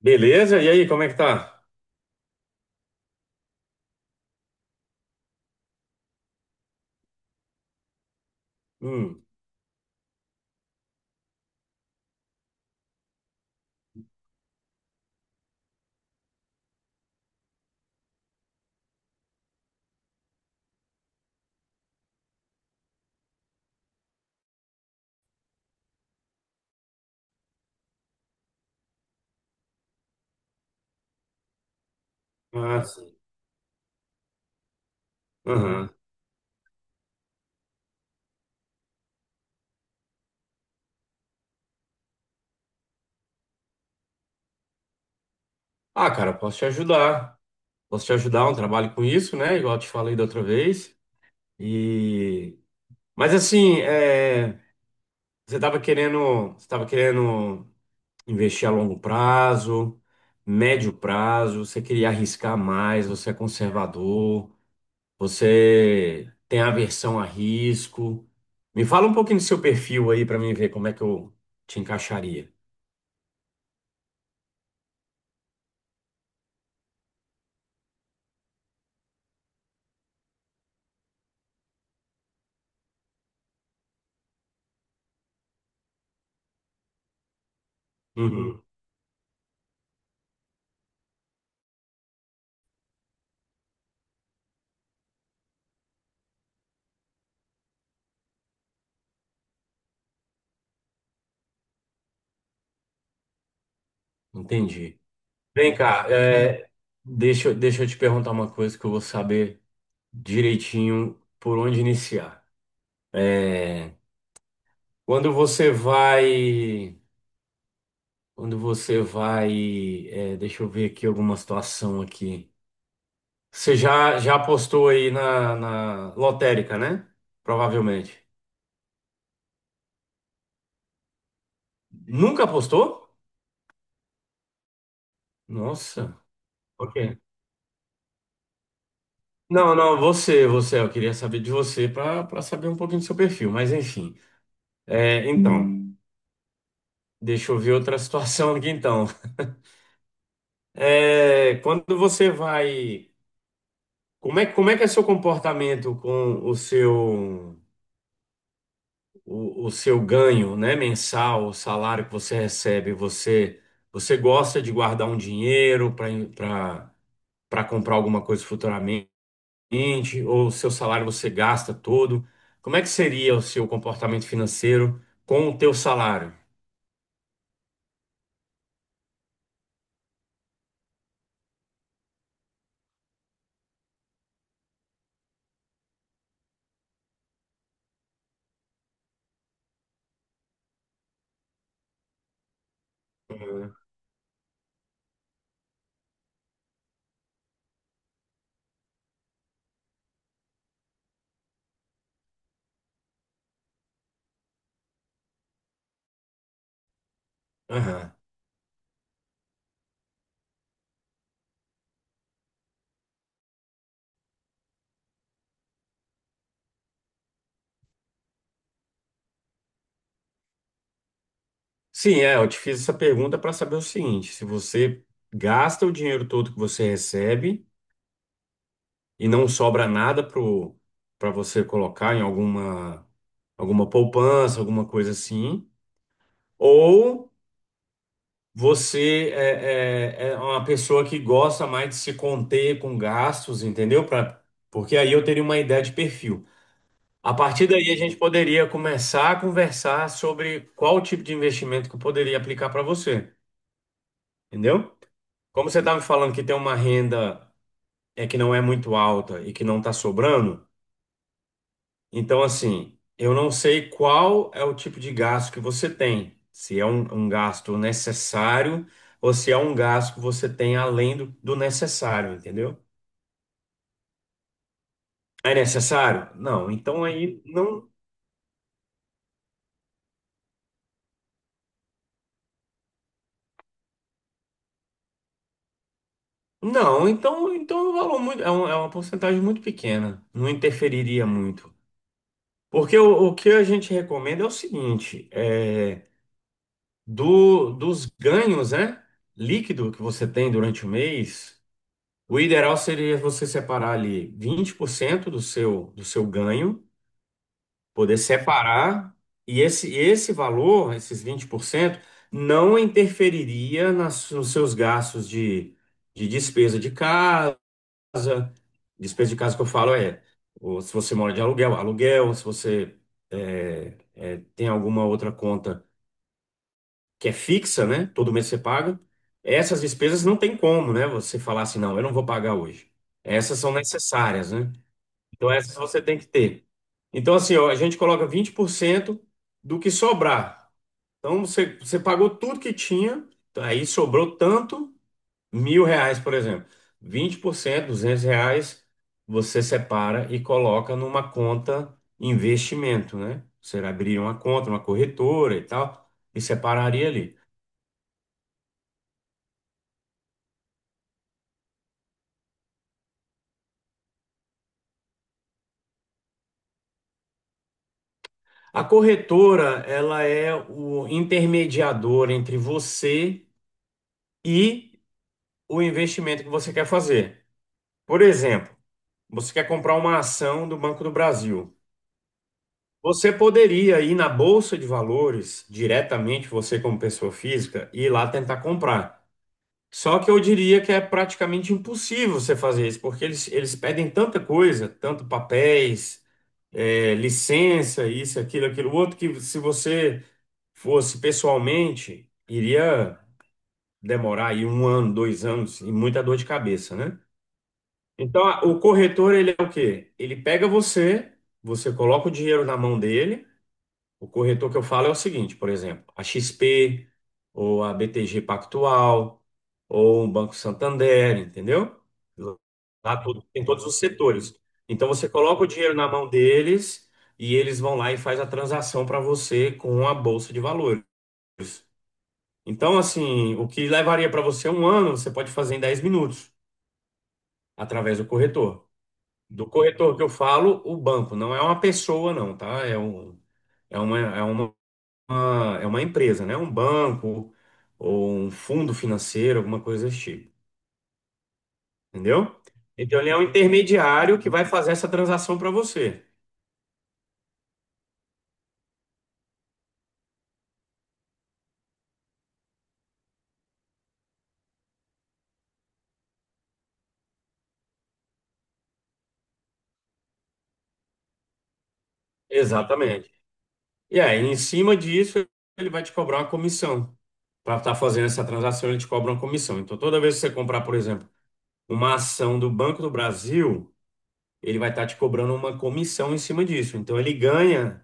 Beleza? E aí, como é que tá? Hum. Ah, sim. Aham. Ah, cara, posso te ajudar. Posso te ajudar, um trabalho com isso, né? Igual eu te falei da outra vez. E... mas assim, é, você tava querendo investir a longo prazo, médio prazo, você queria arriscar mais, você é conservador, você tem aversão a risco. Me fala um pouquinho do seu perfil aí para mim ver como é que eu te encaixaria. Uhum, entendi. Vem cá, é, deixa eu te perguntar uma coisa que eu vou saber direitinho por onde iniciar. É, quando você vai, quando você vai, é, deixa eu ver aqui alguma situação aqui. Você já apostou aí na, na lotérica, né? Provavelmente. Nunca apostou? Nossa, ok. Não, não, você, eu queria saber de você para saber um pouquinho do seu perfil, mas enfim. É, então. Deixa eu ver outra situação aqui então. É, quando você vai. Como é que é seu comportamento com o seu, o seu ganho, né, mensal, o salário que você recebe? Você, você gosta de guardar um dinheiro para comprar alguma coisa futuramente? Ou o seu salário você gasta todo? Como é que seria o seu comportamento financeiro com o teu salário? Aham. Sim, é, eu te fiz essa pergunta para saber o seguinte: se você gasta o dinheiro todo que você recebe e não sobra nada pro para você colocar em alguma alguma poupança, alguma coisa assim, ou você é, é uma pessoa que gosta mais de se conter com gastos, entendeu? Porque aí eu teria uma ideia de perfil. A partir daí a gente poderia começar a conversar sobre qual tipo de investimento que eu poderia aplicar para você, entendeu? Como você está me falando que tem uma renda que não é muito alta e que não está sobrando, então assim, eu não sei qual é o tipo de gasto que você tem, se é um gasto necessário ou se é um gasto que você tem além do necessário, entendeu? É necessário? Não, então aí não, então é um valor muito, é uma porcentagem muito pequena, não interferiria muito. Porque o que a gente recomenda é o seguinte, é, dos ganhos, né? Líquido que você tem durante o mês, o ideal seria você separar ali 20% do seu ganho, poder separar, e esse valor, esses 20%, não interferiria nas, nos seus gastos de despesa de casa. Despesa de casa que eu falo é, ou se você mora de aluguel, aluguel, se você é, tem alguma outra conta que é fixa, né? Todo mês você paga. Essas despesas não tem como, né? Você falar assim, não, eu não vou pagar hoje. Essas são necessárias, né? Então essas você tem que ter. Então assim, ó, a gente coloca 20% do que sobrar. Então você pagou tudo que tinha, aí sobrou tanto, mil reais, por exemplo. Vinte por cento, 200 reais, você separa e coloca numa conta investimento, né? Você abriria uma conta, uma corretora e tal, e separaria ali. A corretora, ela é o intermediador entre você e o investimento que você quer fazer. Por exemplo, você quer comprar uma ação do Banco do Brasil. Você poderia ir na Bolsa de Valores diretamente, você como pessoa física, e ir lá tentar comprar. Só que eu diria que é praticamente impossível você fazer isso, porque eles pedem tanta coisa, tanto papéis, licença, isso, aquilo, aquilo outro, que se você fosse pessoalmente, iria demorar aí um ano, dois anos e muita dor de cabeça, né? Então, o corretor, ele é o quê? Ele pega você, você coloca o dinheiro na mão dele. O corretor que eu falo é o seguinte, por exemplo, a XP, ou a BTG Pactual, ou um Banco Santander, entendeu? Lá tudo tem todos os setores. Então, você coloca o dinheiro na mão deles e eles vão lá e faz a transação para você com a bolsa de valores. Então, assim, o que levaria para você um ano, você pode fazer em 10 minutos, através do corretor. Do corretor que eu falo, o banco, não é uma pessoa, não, tá? É um, é uma, é uma empresa, né? Um banco ou um fundo financeiro, alguma coisa desse tipo, entendeu? Então, ele é um intermediário que vai fazer essa transação para você. Exatamente. E aí, em cima disso, ele vai te cobrar uma comissão. Para estar fazendo essa transação, ele te cobra uma comissão. Então, toda vez que você comprar, por exemplo, uma ação do Banco do Brasil, ele vai estar te cobrando uma comissão em cima disso. Então ele ganha.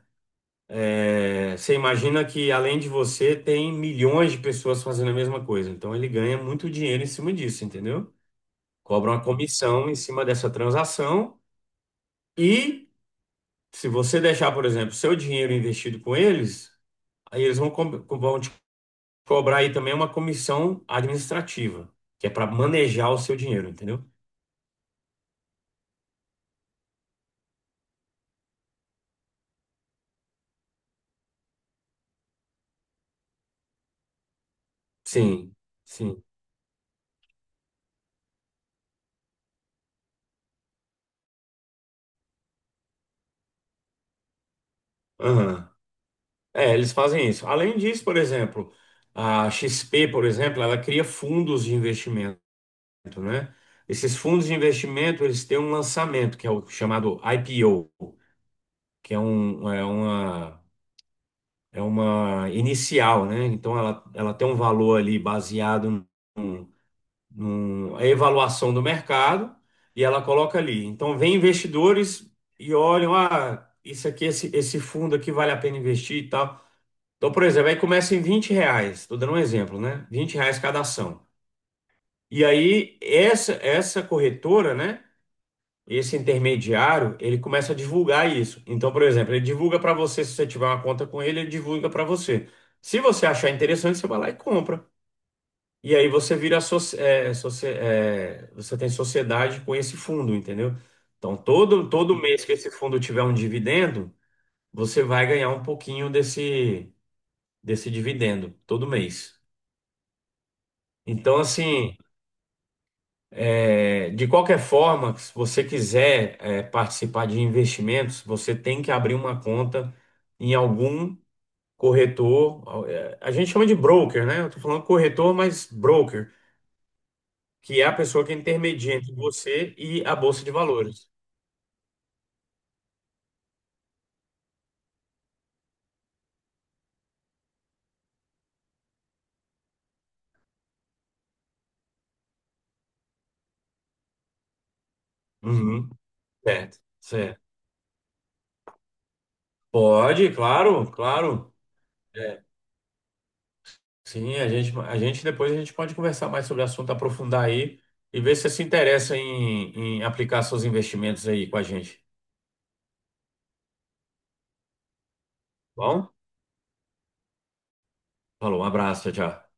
É, você imagina que além de você, tem milhões de pessoas fazendo a mesma coisa. Então ele ganha muito dinheiro em cima disso, entendeu? Cobra uma comissão em cima dessa transação. E se você deixar, por exemplo, seu dinheiro investido com eles, aí vão te cobrar aí também uma comissão administrativa, que é para manejar o seu dinheiro, entendeu? Sim, sim. Aham. É, eles fazem isso. Além disso, por exemplo, a XP, por exemplo, ela cria fundos de investimento, né? Esses fundos de investimento, eles têm um lançamento, que é o chamado IPO, que é, é uma inicial, né? Então, ela tem um valor ali baseado num, a avaliação do mercado e ela coloca ali. Então, vem investidores e olham, ah, isso aqui, esse fundo aqui vale a pena investir e tal. Então, por exemplo, aí começa em 20 reais, estou dando um exemplo, né? 20 reais cada ação. E aí, essa corretora, né? Esse intermediário, ele começa a divulgar isso. Então, por exemplo, ele divulga para você, se você tiver uma conta com ele, ele divulga para você. Se você achar interessante, você vai lá e compra. E aí você vira, soci- é, você tem sociedade com esse fundo, entendeu? Então, todo mês que esse fundo tiver um dividendo, você vai ganhar um pouquinho desse dividendo, todo mês. Então, assim, é, de qualquer forma, se você quiser, é, participar de investimentos, você tem que abrir uma conta em algum corretor. É, a gente chama de broker, né? Eu tô falando corretor, mas broker, que é a pessoa que intermedia entre você e a Bolsa de Valores. Uhum, certo, certo. Pode, claro, claro. É, sim, a gente depois a gente pode conversar mais sobre o assunto, aprofundar aí e ver se você se interessa em, em aplicar seus investimentos aí com a gente. Bom? Falou, um abraço, tchau, tchau.